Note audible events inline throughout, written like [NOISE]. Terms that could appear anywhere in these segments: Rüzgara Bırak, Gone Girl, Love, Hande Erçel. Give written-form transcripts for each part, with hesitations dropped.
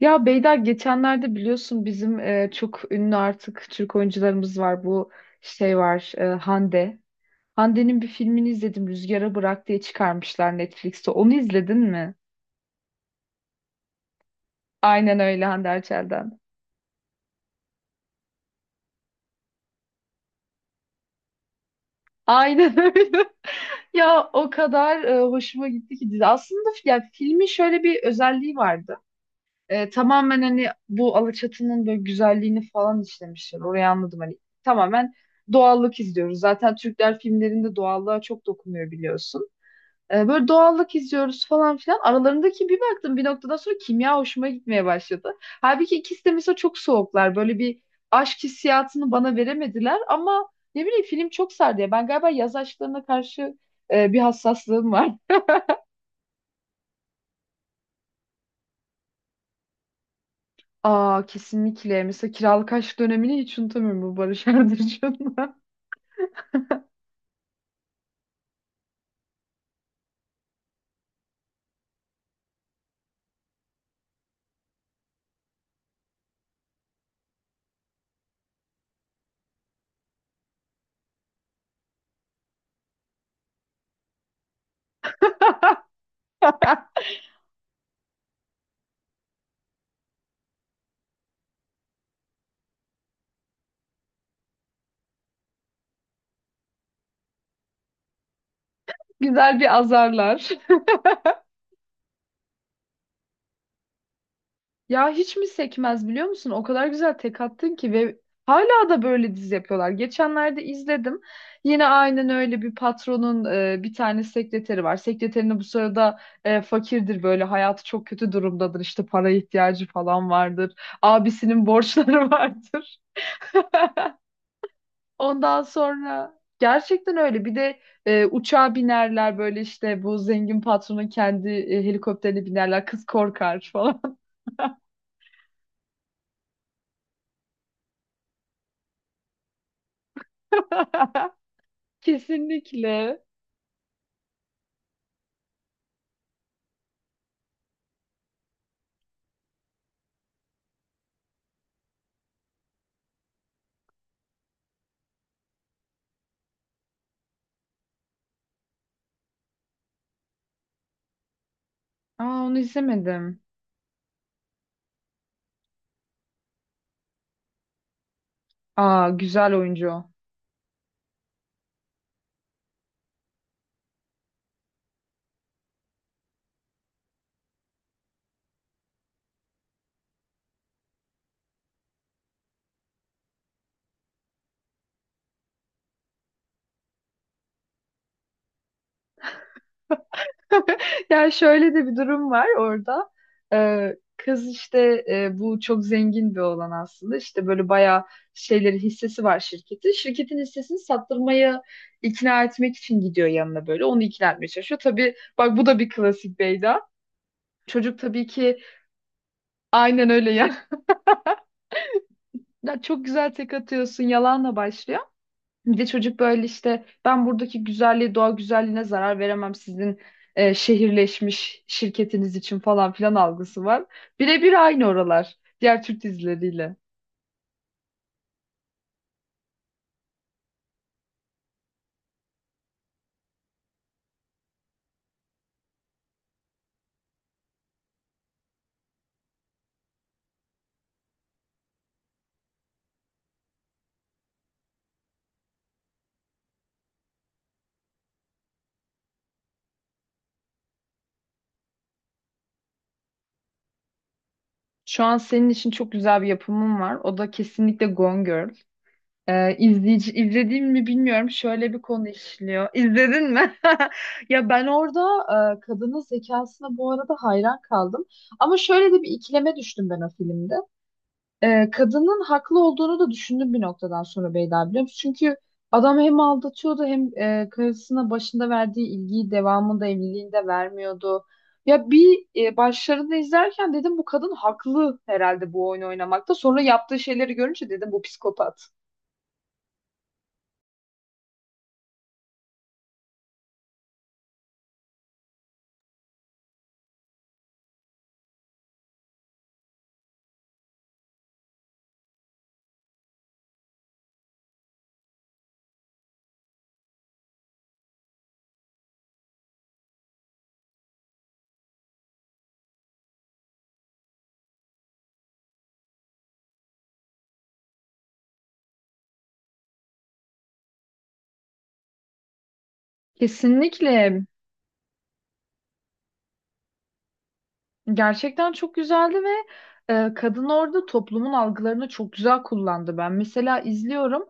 Ya Beyda geçenlerde biliyorsun bizim çok ünlü artık Türk oyuncularımız var. Bu şey var Hande. Hande'nin bir filmini izledim Rüzgara Bırak diye çıkarmışlar Netflix'te. Onu izledin mi? Aynen öyle Hande Erçel'den. Aynen [LAUGHS] öyle. Ya o kadar hoşuma gitti ki dizi. Aslında ya filmin şöyle bir özelliği vardı. Tamamen hani bu Alaçatı'nın böyle güzelliğini falan işlemişler. Orayı anladım hani tamamen doğallık izliyoruz. Zaten Türkler filmlerinde doğallığa çok dokunuyor biliyorsun. Böyle doğallık izliyoruz falan filan. Aralarındaki bir baktım bir noktadan sonra kimya hoşuma gitmeye başladı. Halbuki ikisi de mesela çok soğuklar. Böyle bir aşk hissiyatını bana veremediler ama ne bileyim film çok sardı ya. Ben galiba yaz aşklarına karşı bir hassaslığım var. Aa kesinlikle. Mesela kiralık aşk dönemini hiç unutamıyorum bu Barış Arduç'unla. [LAUGHS] Güzel bir azarlar. [LAUGHS] Ya hiç mi sekmez biliyor musun? O kadar güzel tek attın ki ve hala da böyle dizi yapıyorlar. Geçenlerde izledim. Yine aynen öyle bir patronun bir tane sekreteri var. Sekreterine bu sırada fakirdir böyle hayatı çok kötü durumdadır. İşte para ihtiyacı falan vardır. Abisinin borçları [LAUGHS] vardır. Ondan sonra gerçekten öyle. Bir de uçağa binerler böyle işte bu zengin patronun kendi helikopterine binerler. Kız korkar falan. [LAUGHS] Kesinlikle. Aa onu izlemedim. Aa güzel oyuncu o. [LAUGHS] Yani şöyle de bir durum var orada. Kız işte bu çok zengin bir olan aslında. İşte böyle bayağı şeyleri hissesi var şirketin. Şirketin hissesini sattırmaya ikna etmek için gidiyor yanına böyle. Onu ikna etmeye çalışıyor. Tabii bak bu da bir klasik Beyda. Çocuk tabii ki aynen öyle ya. [LAUGHS] Ya çok güzel tek atıyorsun yalanla başlıyor. Bir de çocuk böyle işte ben buradaki güzelliğe, doğa güzelliğine zarar veremem sizin şehirleşmiş şirketiniz için falan filan algısı var. Birebir aynı oralar diğer Türk dizileriyle. Şu an senin için çok güzel bir yapımım var. O da kesinlikle Gone Girl. İzleyici, izlediğim mi bilmiyorum. Şöyle bir konu işliyor. İzledin mi? [LAUGHS] Ya ben orada kadının zekasına bu arada hayran kaldım. Ama şöyle de bir ikileme düştüm ben o filmde. Kadının haklı olduğunu da düşündüm bir noktadan sonra Beyda biliyor musun? Çünkü adam hem aldatıyordu hem karısına başında verdiği ilgiyi devamında evliliğinde vermiyordu. Ya bir başlarında izlerken dedim bu kadın haklı herhalde bu oyunu oynamakta. Sonra yaptığı şeyleri görünce dedim bu psikopat. Kesinlikle. Gerçekten çok güzeldi ve kadın orada toplumun algılarını çok güzel kullandı. Ben mesela izliyorum.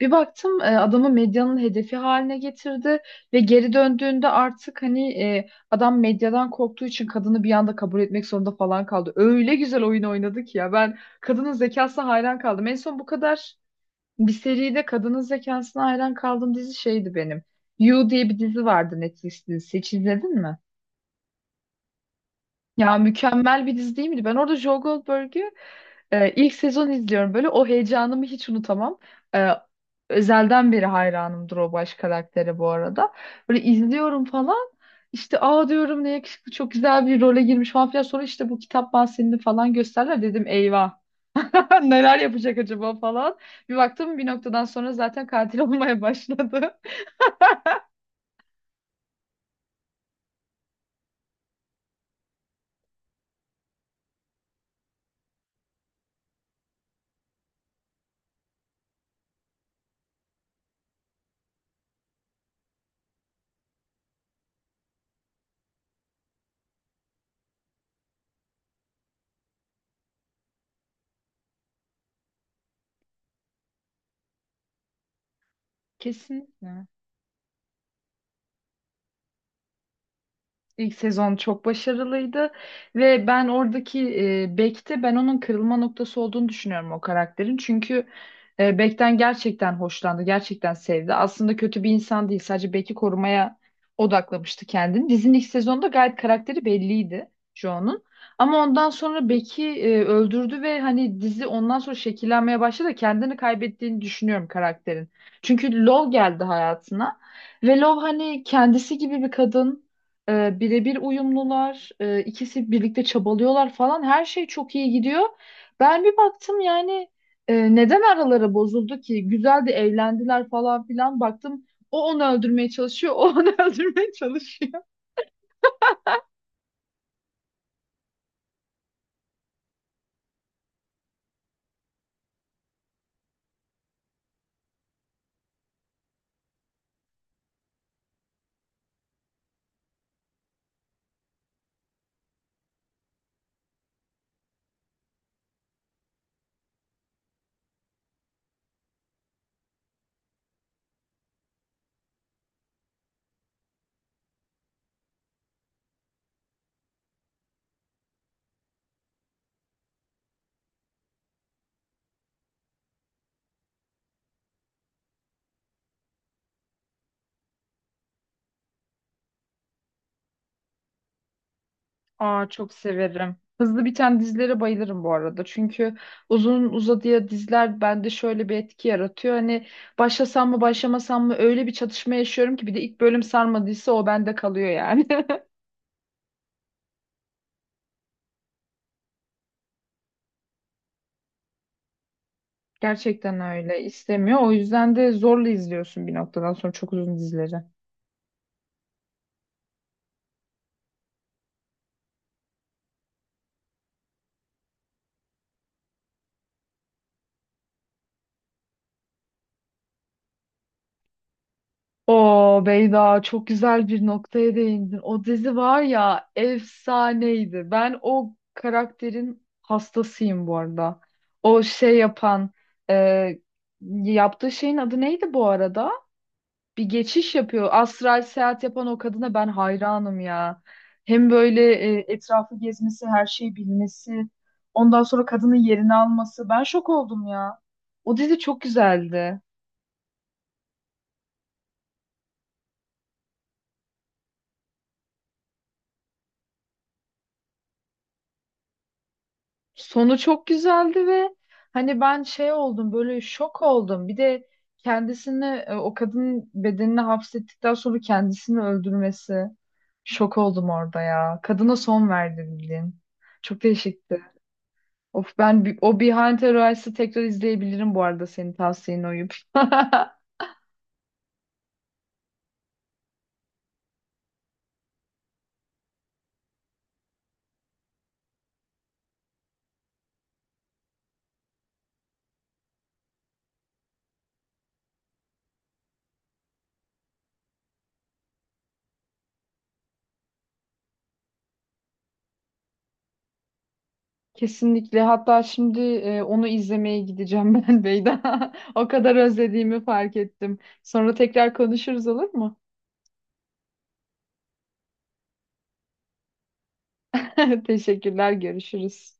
Bir baktım adamı medyanın hedefi haline getirdi ve geri döndüğünde artık hani adam medyadan korktuğu için kadını bir anda kabul etmek zorunda falan kaldı. Öyle güzel oyun oynadı ki ya ben kadının zekasına hayran kaldım. En son bu kadar bir seride kadının zekasına hayran kaldığım dizi şeydi benim. You diye bir dizi vardı Netflix'te. Hiç izledin mi? Ya mükemmel bir dizi değil miydi? Ben orada Joe Goldberg'ü ilk sezon izliyorum. Böyle o heyecanımı hiç unutamam. E, özelden beri hayranımdır o baş karaktere bu arada. Böyle izliyorum falan. İşte aa diyorum ne yakışıklı çok güzel bir role girmiş falan filan. Sonra işte bu kitap bahsini falan gösterler. Dedim eyvah, [LAUGHS] neler yapacak acaba falan. Bir baktım bir noktadan sonra zaten katil olmaya başladı. [LAUGHS] Kesinlikle. İlk sezon çok başarılıydı ve ben oradaki Beck'te ben onun kırılma noktası olduğunu düşünüyorum o karakterin. Çünkü Beck'ten gerçekten hoşlandı, gerçekten sevdi. Aslında kötü bir insan değil, sadece Beck'i korumaya odaklamıştı kendini. Dizinin ilk sezonda gayet karakteri belliydi Joe'nun. Ama ondan sonra Beck'i öldürdü ve hani dizi ondan sonra şekillenmeye başladı. Kendini kaybettiğini düşünüyorum karakterin. Çünkü Love geldi hayatına ve Love hani kendisi gibi bir kadın. Birebir uyumlular, ikisi birlikte çabalıyorlar falan. Her şey çok iyi gidiyor. Ben bir baktım yani neden araları bozuldu ki? Güzel de evlendiler falan filan. Baktım o onu öldürmeye çalışıyor, o onu [LAUGHS] öldürmeye çalışıyor. Aa çok severim. Hızlı biten dizilere bayılırım bu arada. Çünkü uzun uzadıya diziler bende şöyle bir etki yaratıyor. Hani başlasam mı başlamasam mı öyle bir çatışma yaşıyorum ki bir de ilk bölüm sarmadıysa o bende kalıyor yani. [LAUGHS] Gerçekten öyle. İstemiyor. O yüzden de zorla izliyorsun bir noktadan sonra çok uzun dizileri. Oo Beyda çok güzel bir noktaya değindin. O dizi var ya efsaneydi. Ben o karakterin hastasıyım bu arada. O şey yapan e, yaptığı şeyin adı neydi bu arada? Bir geçiş yapıyor. Astral seyahat yapan o kadına ben hayranım ya. Hem böyle etrafı gezmesi, her şeyi bilmesi, ondan sonra kadının yerini alması. Ben şok oldum ya. O dizi çok güzeldi. Sonu çok güzeldi ve hani ben şey oldum, böyle şok oldum. Bir de kendisini, o kadının bedenini hapsettikten sonra kendisini öldürmesi. Şok oldum orada ya. Kadına son verdi bildiğin. Çok değişikti. Of ben o Behind the Rice'ı tekrar izleyebilirim bu arada senin tavsiyene uyup. [LAUGHS] Kesinlikle. Hatta şimdi onu izlemeye gideceğim ben Beyda. [LAUGHS] O kadar özlediğimi fark ettim. Sonra tekrar konuşuruz olur mu? [LAUGHS] Teşekkürler, görüşürüz.